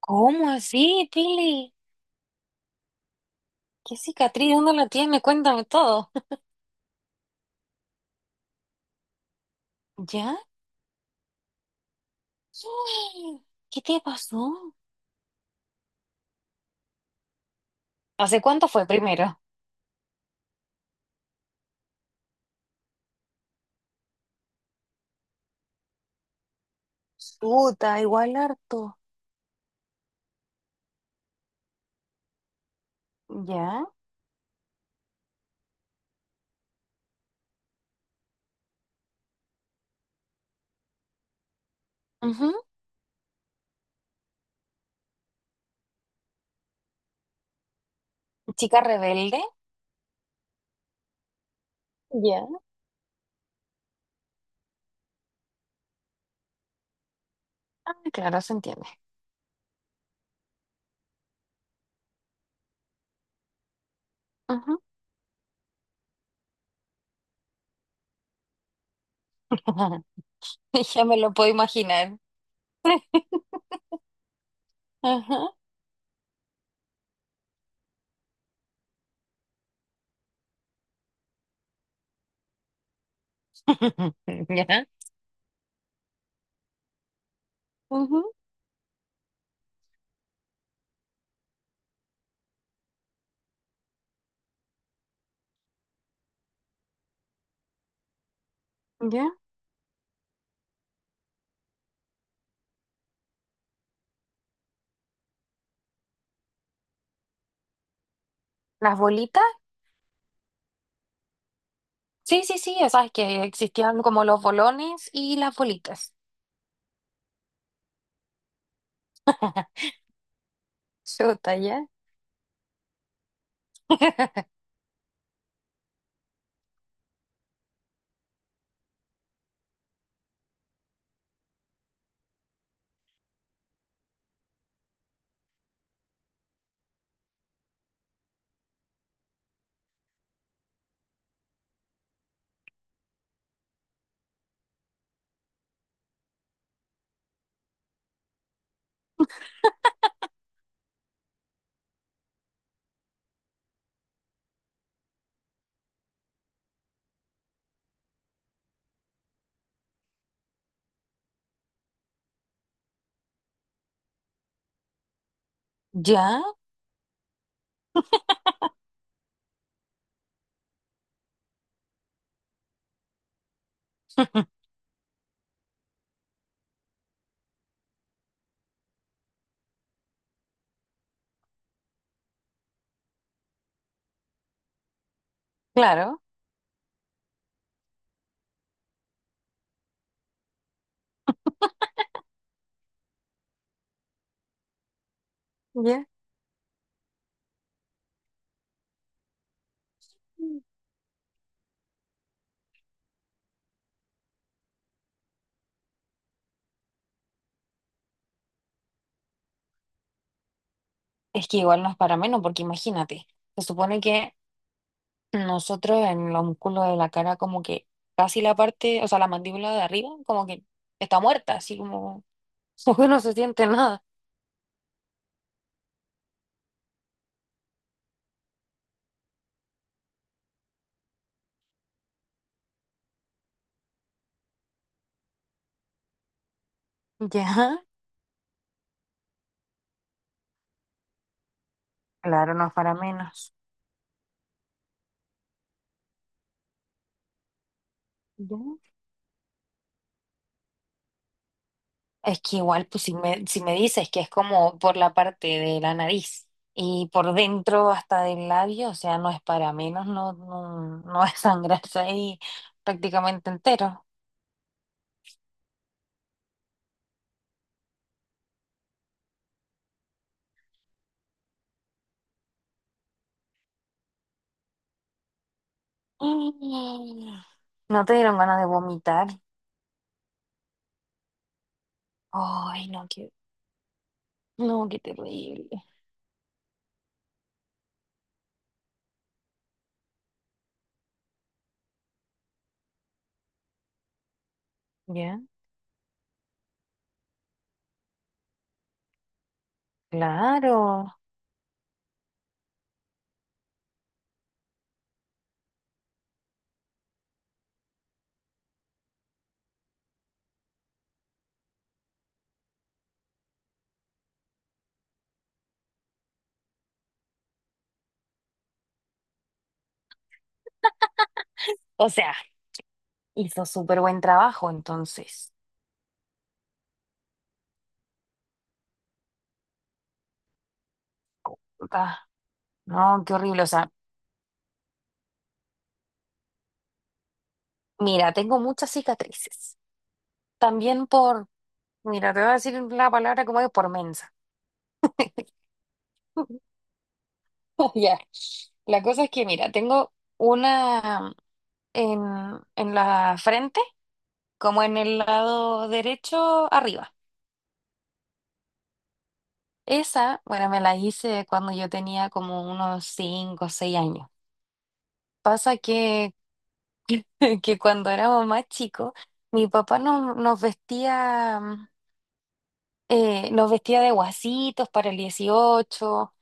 ¿Cómo así, Pili? ¿Qué cicatriz? ¿Dónde la tiene? Cuéntame todo. ¿Ya? Uy, ¿qué te pasó? ¿Hace cuánto fue primero? Puta, igual harto. ¿Ya? Ujú. ¿Chica rebelde? ¿Ya? Ah, claro, se entiende. Ujú. Ya me lo puedo imaginar. Ajá. ¿Ya? Ujú. ¿Ya? ¿Las bolitas? Sí, sí, sí, ya sabes que existían como los bolones y las bolitas. Chuta, ¿ya? ¿Ya? Claro. ¿Ya? Es que igual no es para menos, porque imagínate, se supone que nosotros en los músculos de la cara como que casi la parte, o sea, la mandíbula de arriba como que está muerta, así como, como que no se siente nada. ¿Ya? Claro, no es para menos. ¿Ya? Es que igual, pues si me dices que es como por la parte de la nariz y por dentro hasta del labio, o sea, no es para menos, no, no, no va a sangrarse ahí prácticamente entero. Mm. ¿No te dieron ganas de vomitar? Ay, no, qué, no, qué terrible. Ya, claro. O sea, hizo súper buen trabajo entonces. Ah, no, qué horrible. O sea, mira, tengo muchas cicatrices. También por, mira, te voy a decir la palabra como es, por mensa. Ya. La cosa es que, mira, tengo una en, en la frente, como en el lado derecho arriba. Esa, bueno, me la hice cuando yo tenía como unos 5 o 6 años. Pasa que, que cuando éramos más chicos, mi papá nos vestía de guasitos para el 18,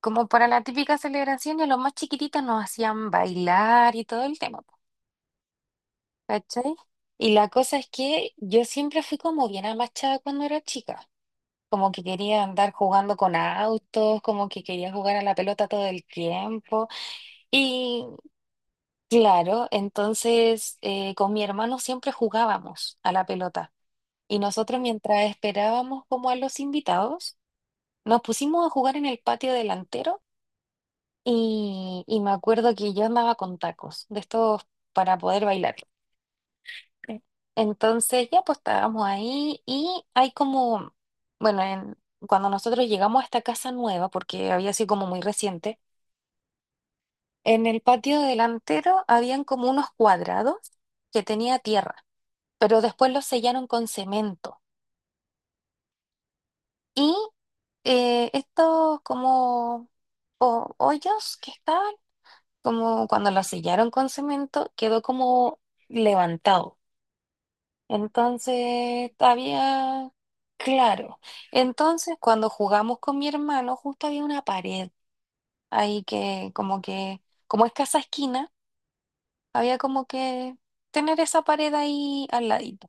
como para la típica celebración, y a los más chiquititos nos hacían bailar y todo el tema, po, ¿cachai? Y la cosa es que yo siempre fui como bien amachada cuando era chica. Como que quería andar jugando con autos, como que quería jugar a la pelota todo el tiempo. Y claro, entonces con mi hermano siempre jugábamos a la pelota y nosotros mientras esperábamos como a los invitados, nos pusimos a jugar en el patio delantero y me acuerdo que yo andaba con tacos de estos para poder bailar. Sí. Entonces ya pues estábamos ahí y hay como, bueno, cuando nosotros llegamos a esta casa nueva, porque había sido como muy reciente, en el patio delantero habían como unos cuadrados que tenía tierra, pero después los sellaron con cemento. Y estos como hoyos que estaban, como cuando los sellaron con cemento, quedó como levantado. Entonces había, claro, entonces cuando jugamos con mi hermano, justo había una pared ahí que, como es casa esquina había como que tener esa pared ahí al ladito.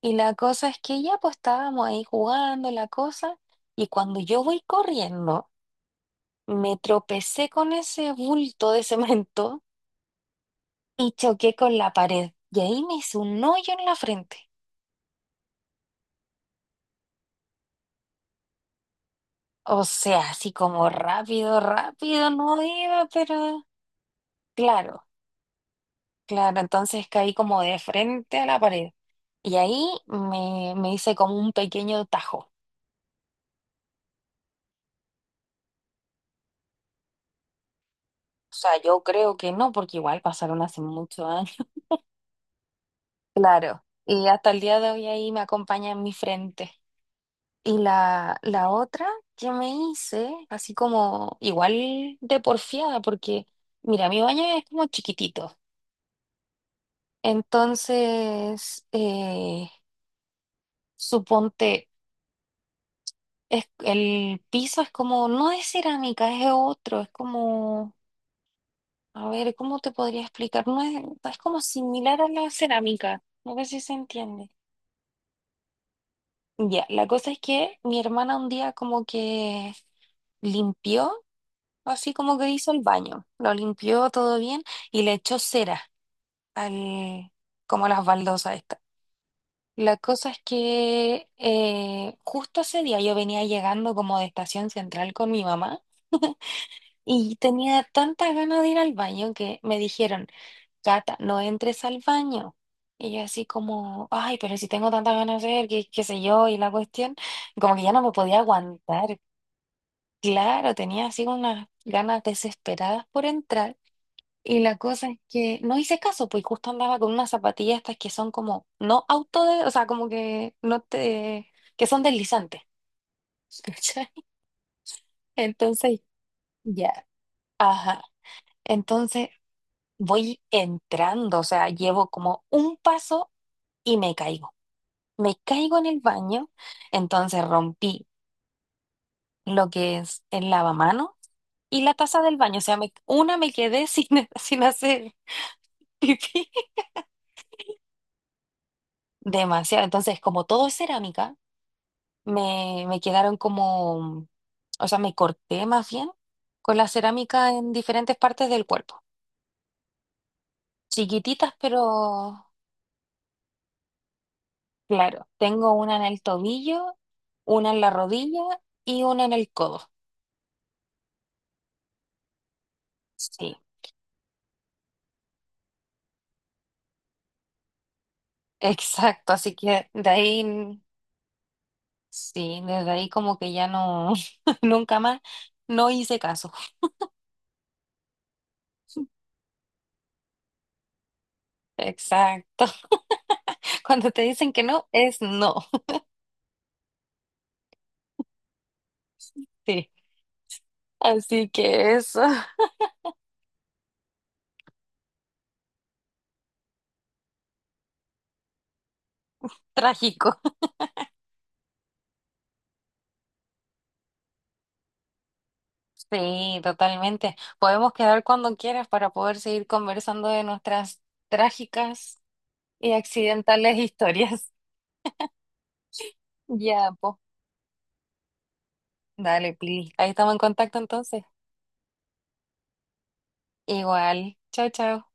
Y la cosa es que ya pues estábamos ahí jugando la cosa y cuando yo voy corriendo me tropecé con ese bulto de cemento y choqué con la pared y ahí me hizo un hoyo en la frente. O sea, así como rápido, rápido no iba, pero claro, claro, entonces caí como de frente a la pared y ahí me hice como un pequeño tajo. O sea, yo creo que no, porque igual pasaron hace muchos años. Claro. Y hasta el día de hoy ahí me acompaña en mi frente. Y la otra que me hice, así como igual de porfiada, porque mira, mi baño es como chiquitito. Entonces, suponte, es, el piso es como, no es cerámica, es otro, es como, a ver, ¿cómo te podría explicar? No es, es como similar a la cerámica, no sé si se entiende. Ya, la cosa es que mi hermana un día como que limpió, así como que hizo el baño, lo limpió todo bien y le echó cera al, como a las baldosas estas. La cosa es que justo ese día yo venía llegando como de Estación Central con mi mamá y tenía tantas ganas de ir al baño que me dijeron, Cata, no entres al baño. Y yo así como, ay, pero si tengo tantas ganas de ir, qué sé yo, y la cuestión, como que ya no me podía aguantar. Claro, tenía así unas ganas desesperadas por entrar. Y la cosa es que no hice caso, pues justo andaba con unas zapatillas estas que son como, no auto, o sea, como que no te, que son deslizantes. ¿Cachai? Entonces, ya, ajá. Entonces voy entrando, o sea, llevo como un paso y me caigo. Me caigo en el baño, entonces rompí lo que es el lavamanos y la taza del baño, o sea, una me quedé sin, sin hacer pipí. Demasiado, entonces como todo es cerámica, me quedaron como, o sea, me corté más bien con la cerámica en diferentes partes del cuerpo. Chiquititas, pero... Claro, tengo una en el tobillo, una en la rodilla y una en el codo. Sí, exacto. Así que de ahí, sí, desde ahí como que ya no, nunca más, no hice caso. Exacto. Cuando te dicen que no, es no. Sí. Así que eso, trágico. Sí, totalmente. Podemos quedar cuando quieras para poder seguir conversando de nuestras trágicas y accidentales historias. Ya, pues. Dale, Pili. Ahí estamos en contacto entonces. Igual. Chao, chao.